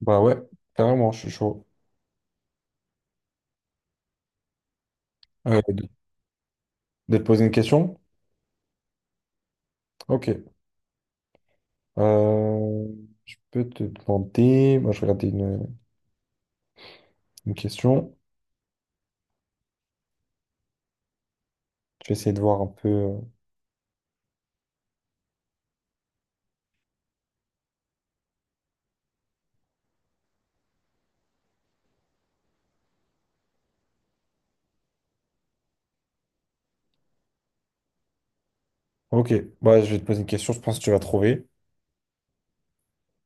Bah ouais, carrément, je suis chaud. Euh, de, de te poser une question? Ok. Euh, je peux te demander. Moi, je vais regarder une question. Je vais essayer de voir un peu. Ok, bah, je vais te poser une question, je pense que tu vas trouver.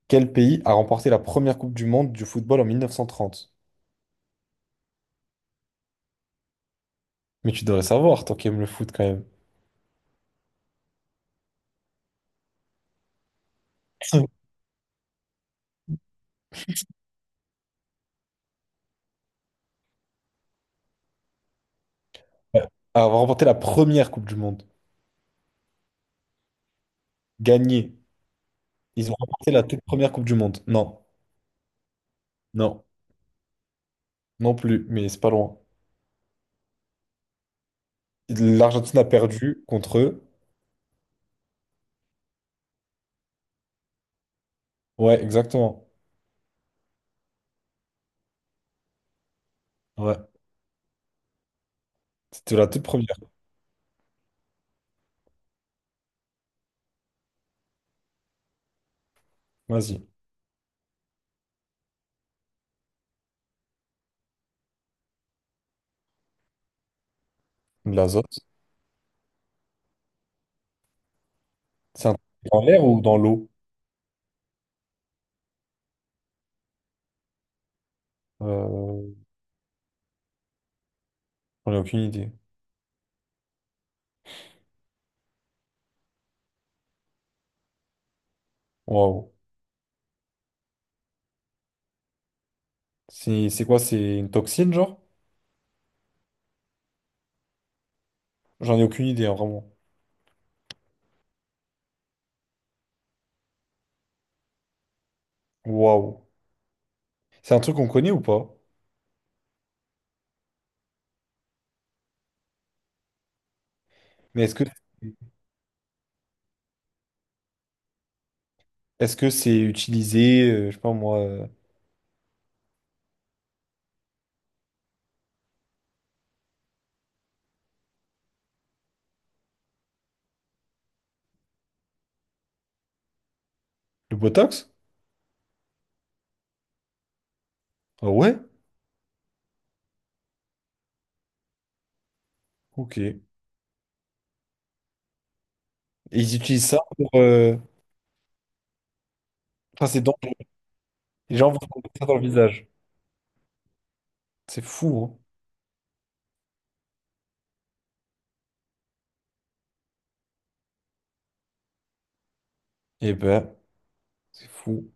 Quel pays a remporté la première Coupe du Monde du football en 1930? Mais tu devrais savoir, toi qui aimes le foot quand même. Ouais. A remporté la première Coupe du Monde. Gagné. Ils ont remporté la toute première Coupe du Monde. Non, non, non plus, mais c'est pas loin. L'Argentine a perdu contre eux. Ouais, exactement. Ouais. C'était la toute première. Vas-y. De l'azote. C'est un... dans l'air ou dans l'eau? Euh, J'en ai aucune idée. Waouh. C'est quoi? C'est une toxine, genre? J'en ai aucune idée, hein, vraiment. Waouh. C'est un truc qu'on connaît ou pas? Mais est-ce que c'est utilisé, je sais pas moi, le Botox? Ah ouais? Ok. Et ils utilisent ça pour... enfin, c'est dangereux. Les gens vont se mettre ça dans le visage. C'est fou, hein? Eh ben, c'est fou.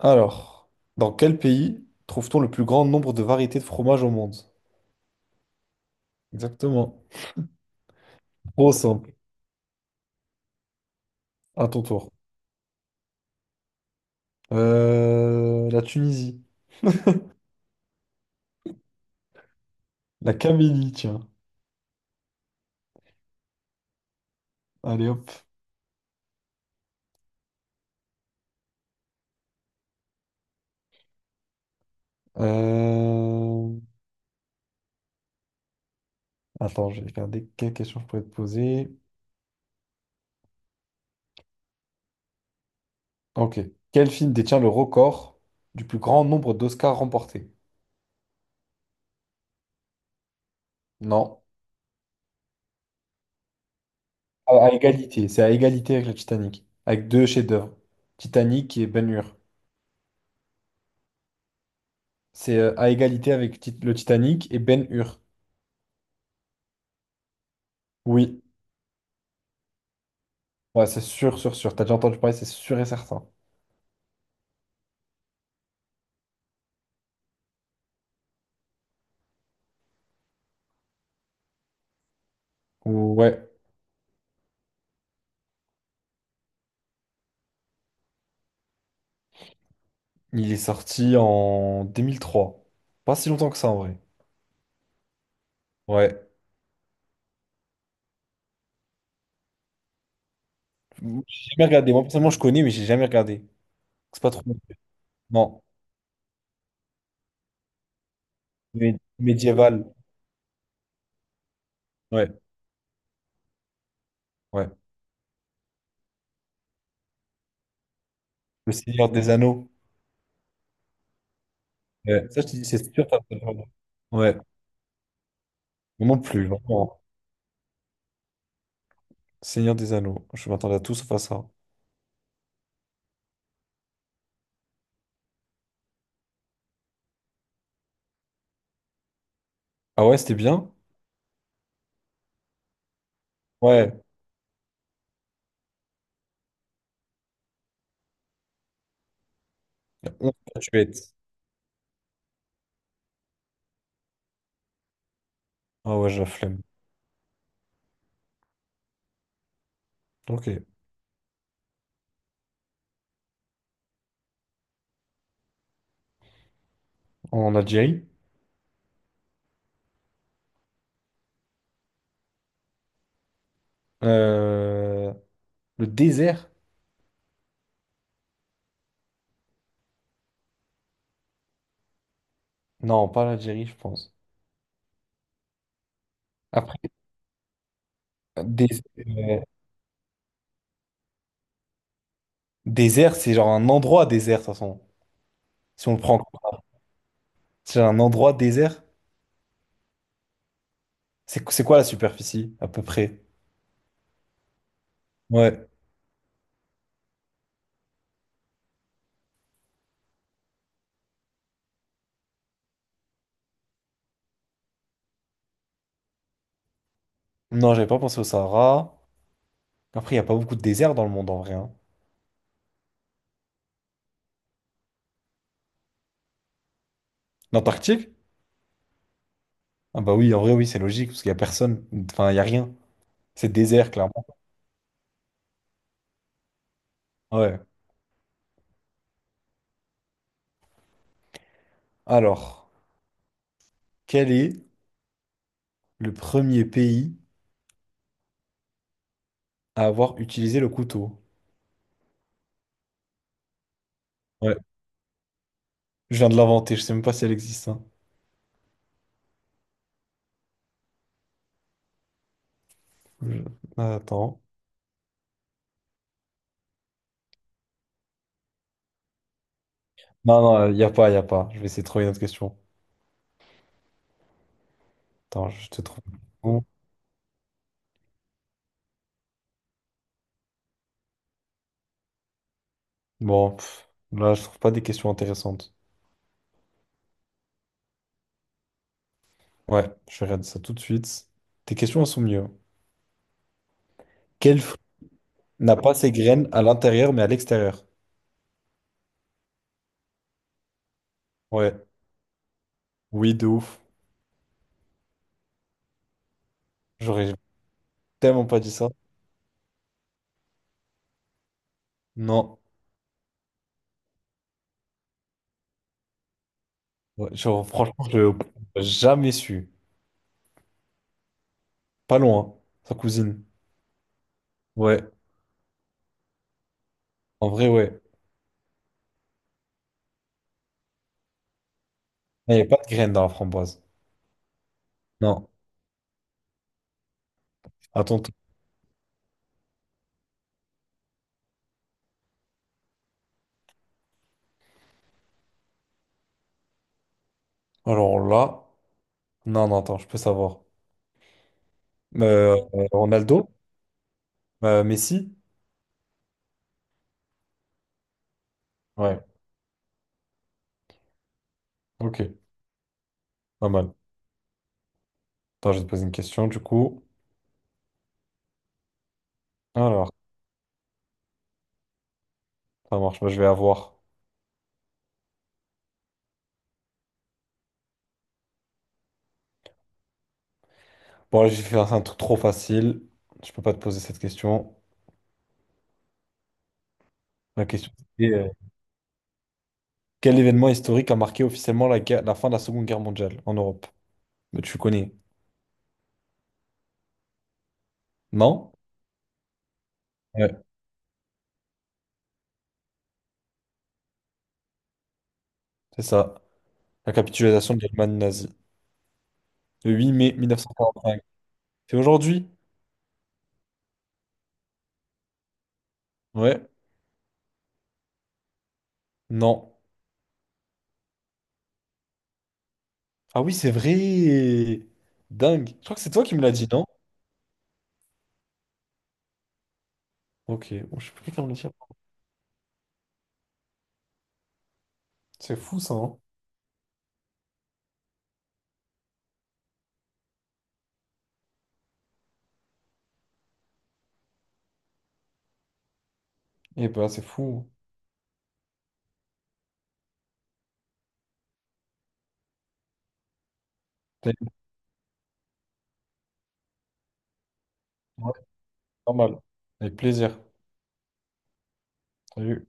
Alors, dans quel pays trouve-t-on le plus grand nombre de variétés de fromage au monde? Exactement. Trop simple. À ton tour. La Tunisie. La Camélie, tiens. Allez hop. Euh, Attends, je vais regarder quelle question je pourrais te poser. Ok. Quel film détient le record du plus grand nombre d'Oscars remportés? Non. À égalité. C'est à égalité avec le Titanic. Avec deux chefs-d'œuvre. Titanic et Ben-Hur. C'est à égalité avec le Titanic et Ben-Hur. Oui. Ouais, c'est sûr, sûr, sûr. T'as déjà entendu parler, c'est sûr et certain. Ouais, il est sorti en 2003. Pas si longtemps que ça, en vrai. Ouais. J'ai jamais regardé. Moi, personnellement, je connais, mais j'ai jamais regardé. C'est pas trop mon truc. Non. Médiéval. Ouais, ouais. Le Seigneur des Anneaux. Ouais. Ça, je te dis, c'est sûr, t'as pas regardé. Ouais. Moi non plus, vraiment. Seigneur des Anneaux. Je m'attendais à tout sauf à ça. Ah ouais, c'était bien? Ouais. Il y a 11 statuettes. Ah ouais, j'ai la flemme. Ok. En Algérie. Euh, Le désert? Non, pas l'Algérie, je pense. Après, dés- euh, désert, c'est genre un endroit désert, de toute façon. Si on le prend, c'est un endroit désert. C'est quoi la superficie, à peu près? Ouais. Non, j'avais pas pensé au Sahara. Après, il n'y a pas beaucoup de déserts dans le monde, en vrai, hein. L'Antarctique? Ah bah oui, en vrai, oui, c'est logique, parce qu'il n'y a personne. Enfin, il n'y a rien. C'est désert, clairement. Ouais. Alors, quel est le premier pays à avoir utilisé le couteau? Ouais. Je viens de l'inventer, je sais même pas si elle existe, hein. Je- attends. Non, non, il n'y a pas, il n'y a pas. Je vais essayer de trouver une autre question. Attends, je te trouve. Bon, Bon, pff, là, je trouve pas des questions intéressantes. Ouais, je regarde ça tout de suite. Tes questions, elles sont mieux. Quel fruit n'a pas ses graines à l'intérieur mais à l'extérieur? Ouais, oui, de ouf. J'aurais tellement pas dit ça. Non. Ouais, genre, franchement, je jamais su. Pas loin, hein, sa cousine. Ouais, en vrai, ouais. Il n'y a pas de graines dans la framboise. Non. Attends. t- Alors là. Non, non, attends, je peux savoir. Ronaldo? Messi? Ouais, ok, pas mal. Attends, je vais te poser une question du coup. Alors, ça marche. Moi, je vais avoir. Bon, là, j'ai fait un truc trop facile. Je peux pas te poser cette question. La question c'était quel événement historique a marqué officiellement la fin de la Seconde Guerre mondiale en Europe? Mais tu connais, non? Ouais, c'est ça. La capitulation de l'Allemagne nazie. Le 8 mai 1945. C'est aujourd'hui? Ouais, non. Ah oui, c'est vrai! Dingue. Je crois que c'est toi qui me l'as dit, non? Ok, bon, je sais plus qui me l'a dit. C'est fou ça, hein? Et bah c'est fou. T'as- ouais, normal. Avec plaisir. Salut.